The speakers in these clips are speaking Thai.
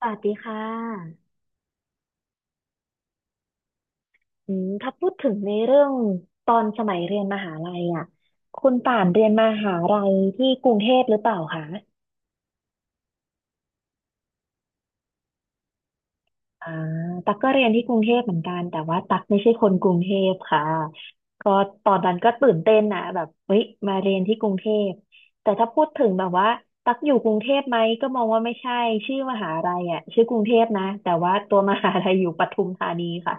สวัสดีค่ะอืมถ้าพูดถึงในเรื่องตอนสมัยเรียนมหาลัยอ่ะคุณป่านเรียนมหาลัยที่กรุงเทพหรือเปล่าคะอ่าตักก็เรียนที่กรุงเทพเหมือนกันแต่ว่าตักไม่ใช่คนกรุงเทพค่ะก็ตอนนั้นก็ตื่นเต้นนะแบบเฮ้ยมาเรียนที่กรุงเทพแต่ถ้าพูดถึงแบบว่าตักอยู่กรุงเทพไหม ก็มองว่าไม่ใช่ ชื่อมหาลัยอ่ะชื่อกรุงเทพนะ แต่ว่าตัวมหาลัยอยู่ปทุมธานีค่ะ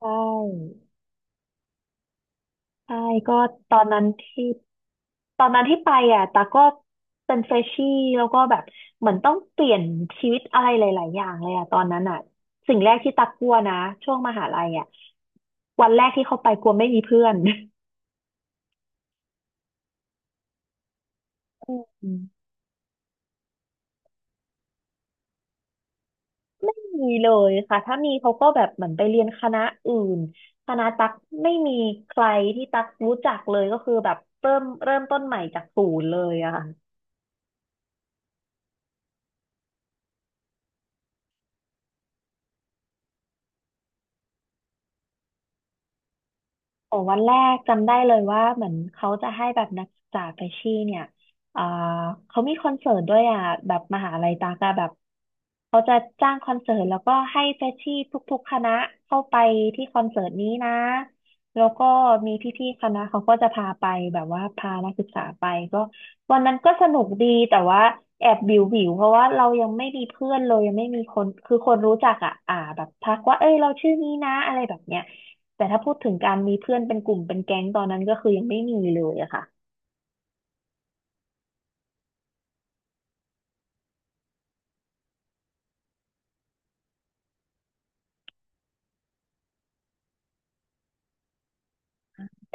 ใช่ ใช่ก็ตอนนั้นที่ตอนนั้นที่ไปอ่ะตาก็เป็นเฟรชชี่แล้วก็แบบเหมือนต้องเปลี่ยนชีวิตอะไรหลายๆอย่างเลยอ่ะตอนนั้นอ่ะสิ่งแรกที่ตากลัวนะช่วงมหาลัยอ่ะวันแรกที่เขาไปกลัวไม่มีเพื่อนอืมไม่มีเลยค่ะถ้ามีเขาก็แบบเหมือนไปเรียนคณะอื่นคณะตักไม่มีใครที่ตักรู้จักเลยก็คือแบบเริ่มต้นใหม่จากศูนย์เลยอะ โอ้วันแรกจำได้เลยว่าเหมือนเขาจะให้แบบนักศึกษาไปชี่เนี่ยอ่าเขามีคอนเสิร์ตด้วยอ่ะแบบมหาลัยตากอะแบบเขาจะจ้างคอนเสิร์ตแล้วก็ให้เฟชชี่ทุกๆคณะเข้าไปที่คอนเสิร์ตนี้นะแล้วก็มีพี่ๆคณะเขาก็จะพาไปแบบว่าพานักศึกษาไปก็วันนั้นก็สนุกดีแต่ว่าแอบวิวเพราะว่าเรายังไม่มีเพื่อนเลยยังไม่มีคนคือคนรู้จักอ่ะอ่าแบบทักว่าเอ้ยเราชื่อนี้นะอะไรแบบเนี้ย แต่ถ้าพูดถึงการมีเพื่อนเป็นกลุ่มเป็นแก๊งตอนนั้นก็คือยังไม่มีเลยอะค่ะ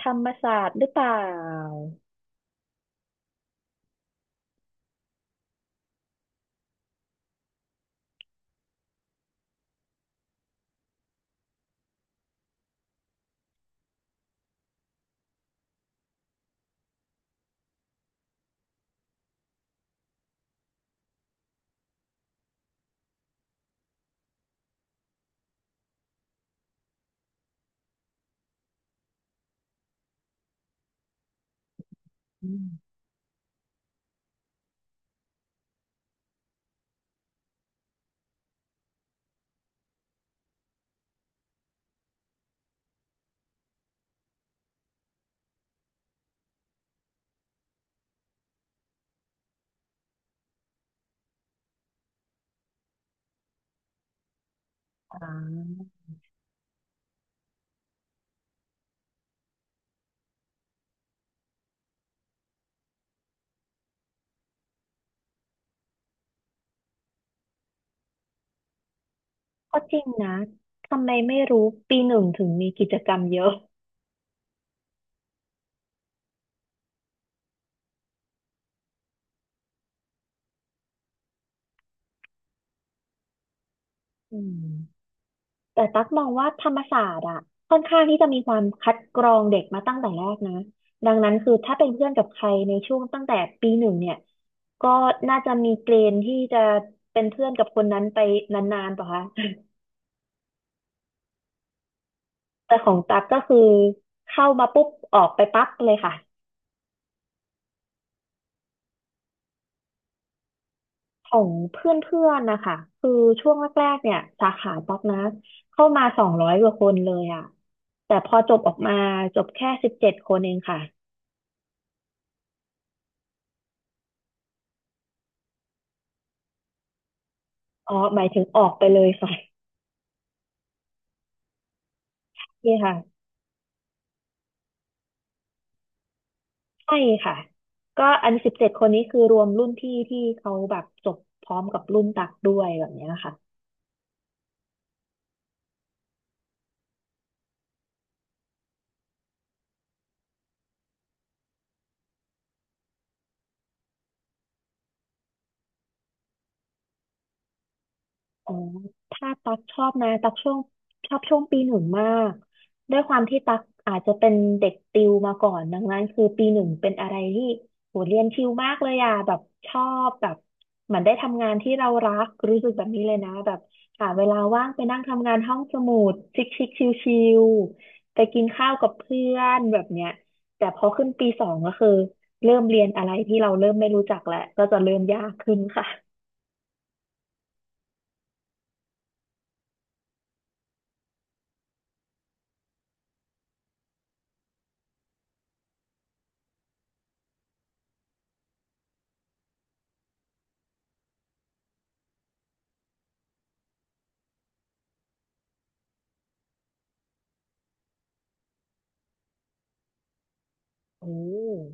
ธรรมศาสตร์หรือเปล่าอืมอ่าก็จริงนะทำไมไม่รู้ปีหนึ่งถึงมีกิจกรรมเยอะอืมแต่ตั๊กมองว่าธรรมศาสตร์อะค่อนข้างที่จะมีความคัดกรองเด็กมาตั้งแต่แรกนะดังนั้นคือถ้าเป็นเพื่อนกับใครในช่วงตั้งแต่ปีหนึ่งเนี่ยก็น่าจะมีเกณฑ์ที่จะเป็นเพื่อนกับคนนั้นไปนานๆป่ะคะ แต่ของตั๊กก็คือเข้ามาปุ๊บออกไปปั๊บเลยค่ะของเพื่อนๆนะคะคือช่วงแรกๆเนี่ยสาขาตั๊กนะเข้ามา200กว่าคนเลยอ่ะแต่พอจบออกมาจบแค่สิบเจ็ดคนเองค่ะอ๋อหมายถึงออกไปเลยค่ะนี่ค่ะใช่ค่ะก็อันสิบเจ็ดคนนี้คือรวมรุ่นพี่ที่เขาแบบจบพร้อมกับรุ่นตักด้วยแบบเนี้ยค่ะ อ๋อถ้าตักชอบนะตักช่วงชอบช่วงปีหนึ่งมากด้วยความที่ตักอาจจะเป็นเด็กติวมาก่อนดังนั้นคือปีหนึ่งเป็นอะไรที่โหเรียนชิลมากเลยอ่ะแบบชอบแบบเหมือนได้ทำงานที่เรารักรู้สึกแบบนี้เลยนะแบบหาเวลาว่างไปนั่งทำงานห้องสมุดชิคชิคชิลชิลๆไปกินข้าวกับเพื่อนแบบเนี้ยแต่พอขึ้นปีสองก็คือเริ่มเรียนอะไรที่เราเริ่มไม่รู้จักแล้วก็จะเริ่มยากขึ้นค่ะโอ้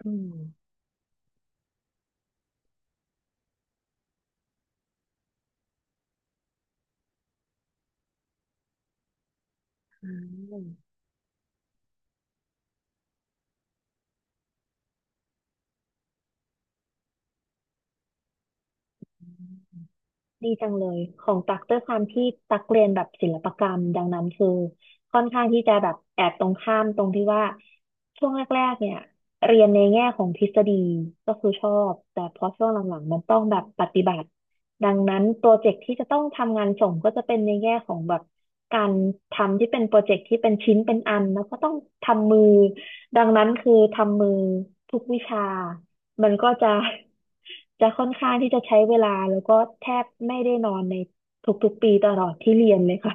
อืม อมดีจังเลยของตักด้วยความที่ตักเรียนแบบศิลปกรรมดังนั้นคือค่อนข้างที่จะแบบแอบตรงข้ามตรงที่ว่าช่วงแรกๆเนี่ยเรียนในแง่ของทฤษฎีก็คือชอบแต่พอช่วงหลังๆมันต้องแบบปฏิบัติดังนั้นโปรเจกต์ที่จะต้องทำงานส่งก็จะเป็นในแง่ของแบบการทำที่เป็นโปรเจกต์ที่เป็นชิ้นเป็นอันแล้วก็ต้องทำมือดังนั้นคือทำมือทุกวิชา มันก็จะ จะค่อนข้างที่จะใช้เวลาแล้วก็แทบไม่ได้นอนในทุกๆปีตลอดที่เรียนเลยค่ะ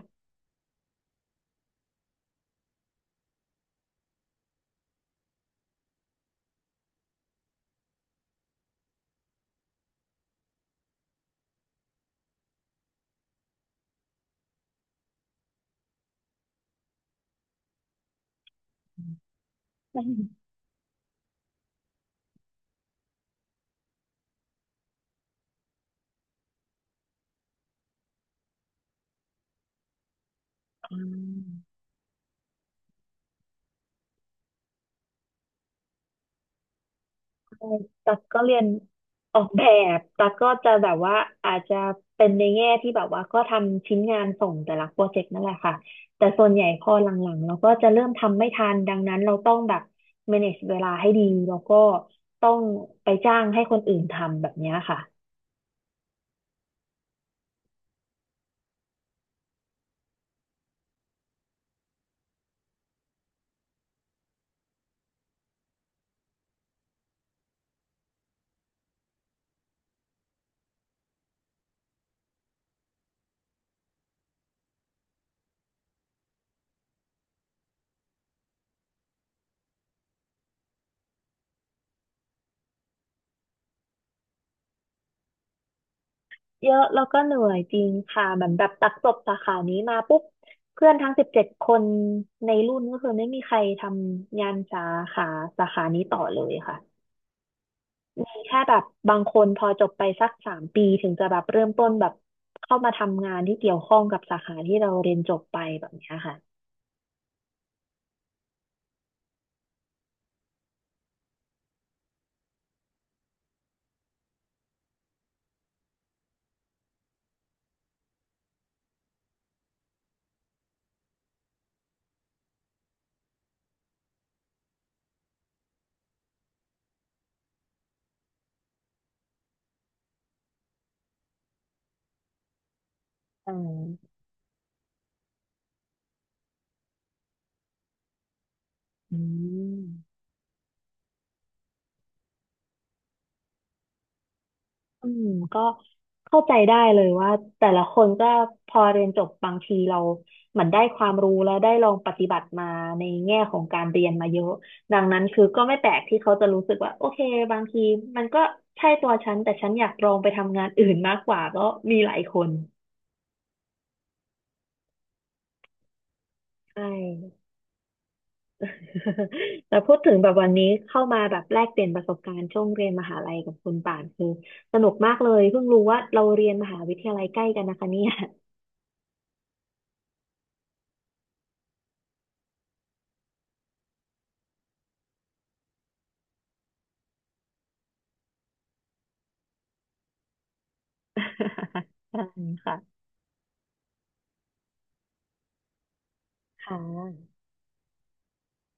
ออืมใช่ตักก็เรียนออกแบบตักก็จะแบบว่าอาจจะเป็นในแง่ที่แบบว่าก็ทำชิ้นงานส่งแต่ละโปรเจกต์นั่นแหละค่ะแต่ส่วนใหญ่พอหลังๆเราก็จะเริ่มทำไม่ทันดังนั้นเราต้องแบบ manage เวลาให้ดีแล้วก็ต้องไปจ้างให้คนอื่นทำแบบเนี้ยค่ะ เยอะแล้วก็เหนื่อยจริงค่ะเหมือนแบบตักจบสาขานี้มาปุ๊บเพื่อนทั้งสิบเจ็ดคนในรุ่นก็คือไม่มีใครทำงานขาสาขานี้ต่อเลยค่ะแค่แบบบางคนพอจบไปสัก3 ปีถึงจะแบบเริ่มต้นแบบเข้ามาทำงานที่เกี่ยวข้องกับสาขาที่เราเรียนจบไปแบบเนี้ยค่ะอืมอืม อืมก็เข้าใจได้เลยว่าแต่ละคนก็พอเรียนจบบางทีเราเหมือนได้ความรู้แล้วได้ลองปฏิบัติมาในแง่ของการเรียนมาเยอะดังนั้นคือก็ไม่แปลกที่เขาจะรู้สึกว่าโอเคบางทีมันก็ใช่ตัวฉันแต่ฉันอยากลองไปทำงานอื่นมากกว่าก็มีหลายคนใช่ แต่พูดถึงแบบวันนี้เข้ามาแบบแลกเปลี่ยนประสบการณ์ช่วงเรียนมหาลัยกับคุณป่านคือสนุกมากเลยเพิ่งรู้ว่าเราเรียนมหาวิทยาลัยใกล้กันนะคะเนี่ย ใช่ค่ะค่ะ